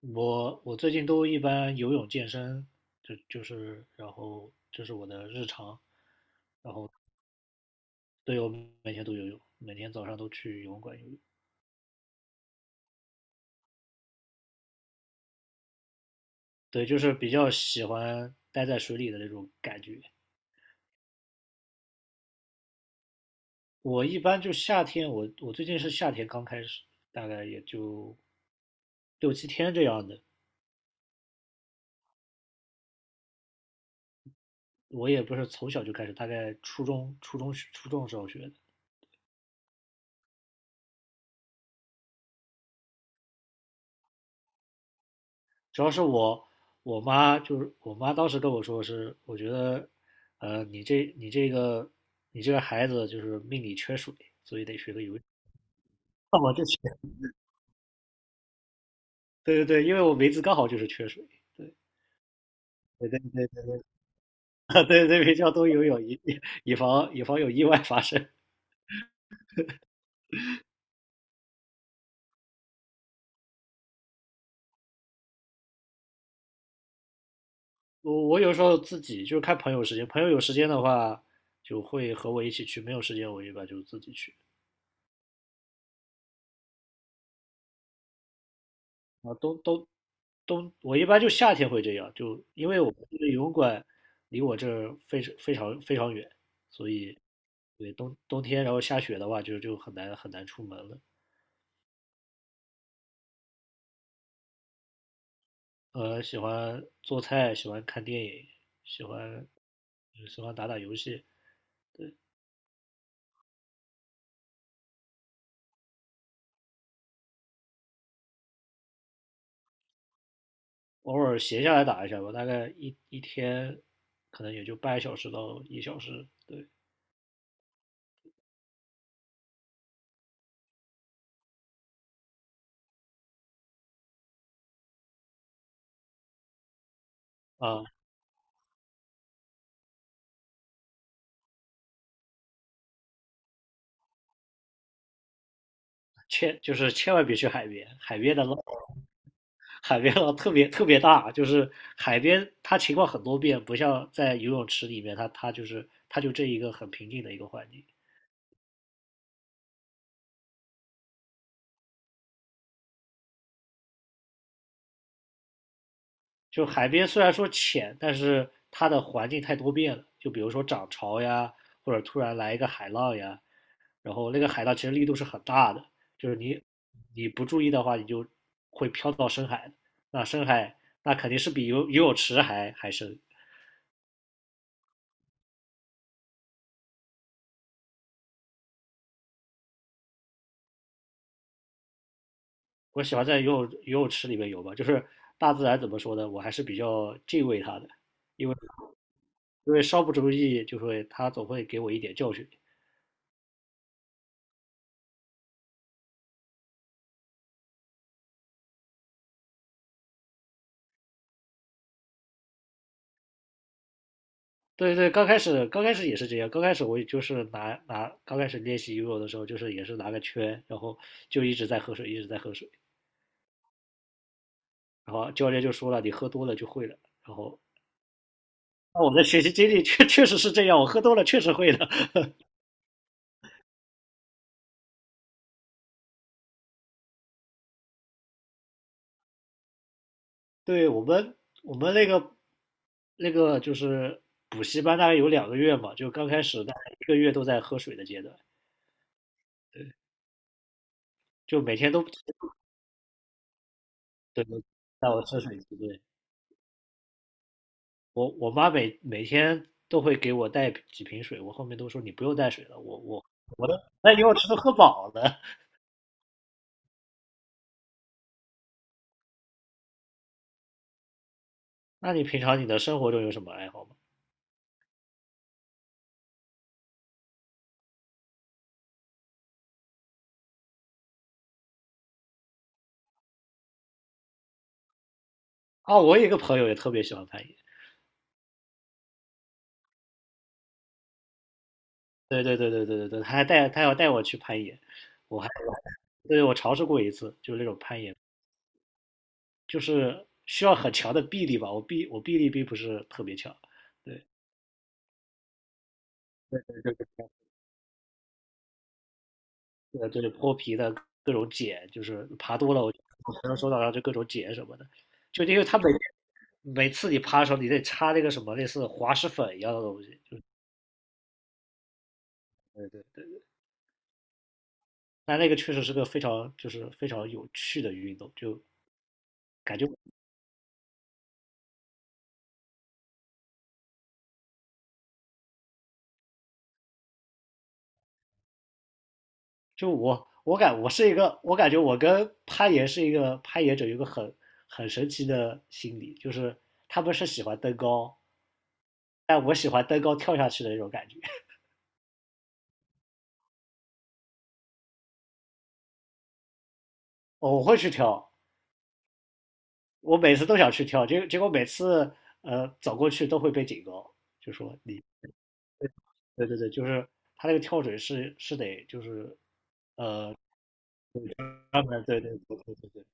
我最近都一般游泳健身，就是然后这是我的日常。对，我每天都游泳，每天早上都去游泳馆游泳。对，就是比较喜欢待在水里的那种感觉。我一般就夏天，我最近是夏天刚开始，大概也就六七天这样的。我也不是从小就开始，大概初中时候学的。主要是我妈当时跟我说是，我觉得，呃，你这你这个你这个孩子就是命里缺水，所以得学个游泳。那我就学。对对对，因为我梅子刚好就是缺水。对对对对对 对对，比较多游泳，以防有意外发生。我有时候自己就是看朋友时间，朋友有时间的话就会和我一起去，没有时间我一般就自己去。啊，都。冬，我一般就夏天会这样，就因为我们这个游泳馆离我这儿非常非常非常远，所以对冬天然后下雪的话就很难很难出门了。喜欢做菜，喜欢看电影，喜欢喜欢打游戏。偶尔闲下来打一下吧，大概一天可能也就半小时到1小时。对啊。千就是千万别去海边，海边的浪海边浪特别特别大，就是海边它情况很多变，不像在游泳池里面，它就是它就这一个很平静的一个环境。就海边虽然说浅，但是它的环境太多变了，就比如说涨潮呀，或者突然来一个海浪呀，然后那个海浪其实力度是很大的。就是你不注意的话，你就会飘到深海，那深海那肯定是比游泳池还深。我喜欢在游泳池里面游吧，就是大自然怎么说呢，我还是比较敬畏它的。因为稍不注意，就会它总会给我一点教训。对对，刚开始也是这样，刚开始我就是拿刚开始练习游泳的时候，就是也是拿个圈，然后就一直在喝水，一直在喝水。然后教练就说了，你喝多了就会了，然后。那我的学习经历确实是这样，我喝多了确实会的。对，我们那个就是补习班，大概有2个月嘛，就刚开始大概1个月都在喝水的阶段。就每天都对带我喝水，对。我妈每天都会给我带几瓶水，我后面都说你不用带水了，我都那以我吃都喝饱了。那你平常你的生活中有什么爱好吗？哦，我有一个朋友也特别喜欢攀岩。对对对对对对对，他要带我去攀岩。我还对，我尝试过一次，就是那种攀岩。就是需要很强的臂力吧。我臂力并不是特别强，对。这对脱皮的各种茧，就是爬多了，我可能手掌上就各种茧什么的。就因为它每次你爬的时候，你得擦那个什么类似滑石粉一样的东西，就是对对对。但那个确实是个非常有趣的运动，就感觉就我是一个，我感觉我跟攀岩是一个攀岩者有一个很神奇的心理。就是他们是喜欢登高，但我喜欢登高跳下去的那种感觉。哦，我会去跳，我每次都想去跳，结果每次走过去都会被警告，就说你对对对，就是他那个跳水是得就是嗯对对对对对对，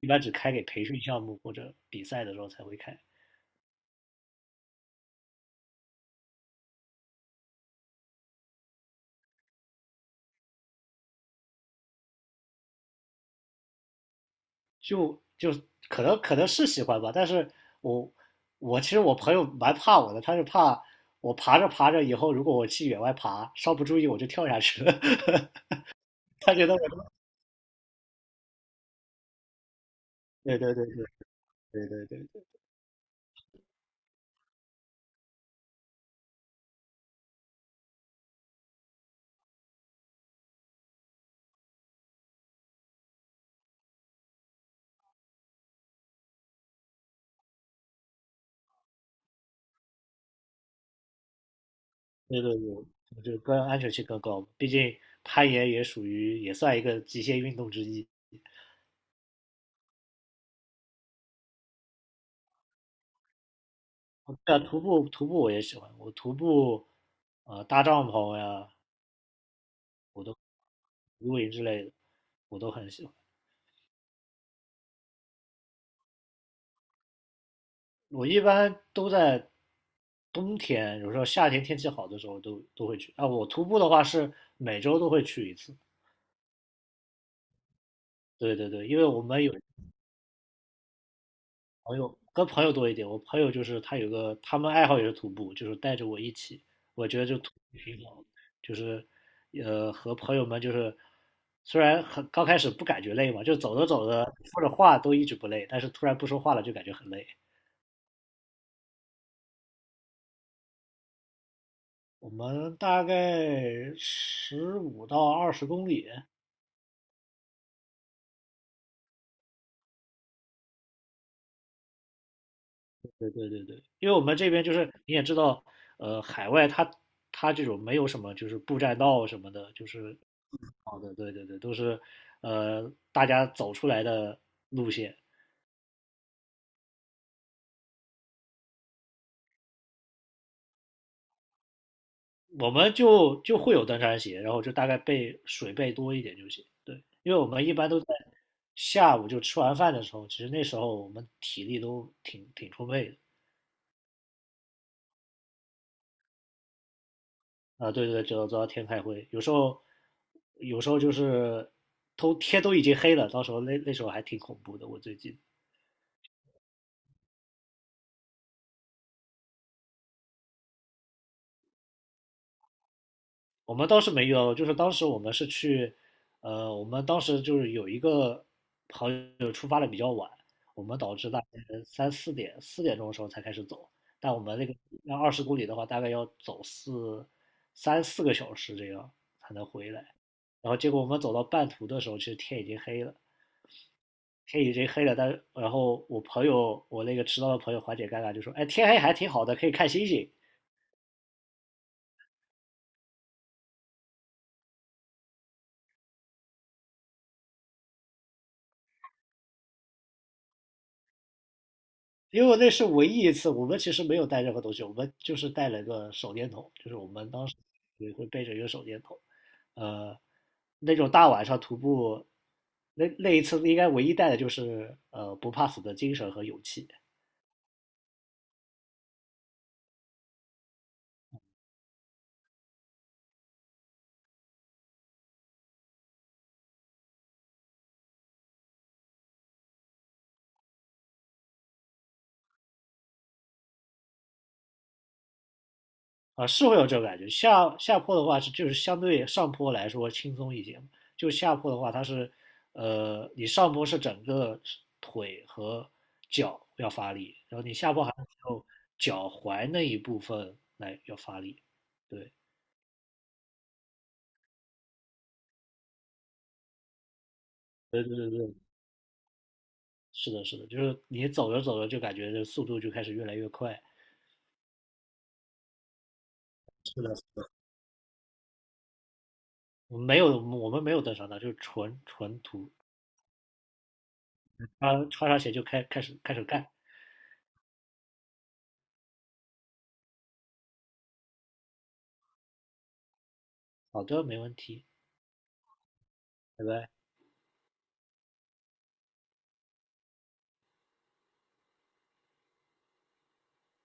一般只开给培训项目或者比赛的时候才会开。就就可能是喜欢吧，但是我其实我朋友蛮怕我的。他是怕我爬着爬着以后，如果我去野外爬，稍不注意我就跳下去了。他觉得我对对对对对对对对对。我就更安全性更高，毕竟攀岩也属于也算一个极限运动之一。对啊，徒步徒步我也喜欢，我徒步搭帐篷呀，我都露营之类的，我都很喜欢。我一般都在冬天，有时候夏天天气好的时候都会去。啊，我徒步的话是每周都会去一次。对对对，因为我们有朋友跟朋友多一点，我朋友就是他有个他们爱好也是徒步，就是带着我一起。我觉得就徒步挺好的，就是和朋友们就是虽然很刚开始不感觉累嘛，就走着走着说着话都一直不累，但是突然不说话了就感觉很累。我们大概15到20公里。因为我们这边就是你也知道，海外它这种没有什么就是步栈道什么的。就是好的，对对对，都是大家走出来的路线。我们就会有登山鞋，然后就大概备水备多一点就行。对，因为我们一般都在下午就吃完饭的时候，其实那时候我们体力都挺充沛的。啊，对对对，走到走到天开会。有时候就是都天都已经黑了，到时候那时候还挺恐怖的。我最近我们倒是没有，就是当时我们是去，我们当时就是有一个朋友出发的比较晚。我们导致大概三四点4点钟的时候才开始走，但我们那个要二十公里的话，大概要走3、4个小时这样才能回来。然后结果我们走到半途的时候，其实天已经黑了。天已经黑了，但是然后我朋友，我那个迟到的朋友缓解尴尬就说：“哎，天黑还挺好的，可以看星星。”因为那是唯一一次，我们其实没有带任何东西，我们就是带了个手电筒，就是我们当时也会背着一个手电筒，呃，那种大晚上徒步，那一次应该唯一带的就是不怕死的精神和勇气。啊，是会有这种感觉。下坡的话是就是相对上坡来说轻松一些。就下坡的话它是，你上坡是整个腿和脚要发力，然后你下坡还是有脚踝那一部分来要发力。对，对对对对，是的，是的，就是你走着走着就感觉这速度就开始越来越快。是的，我们没有登山的，就是纯徒，穿上鞋就开始干。好的，没问题，拜拜。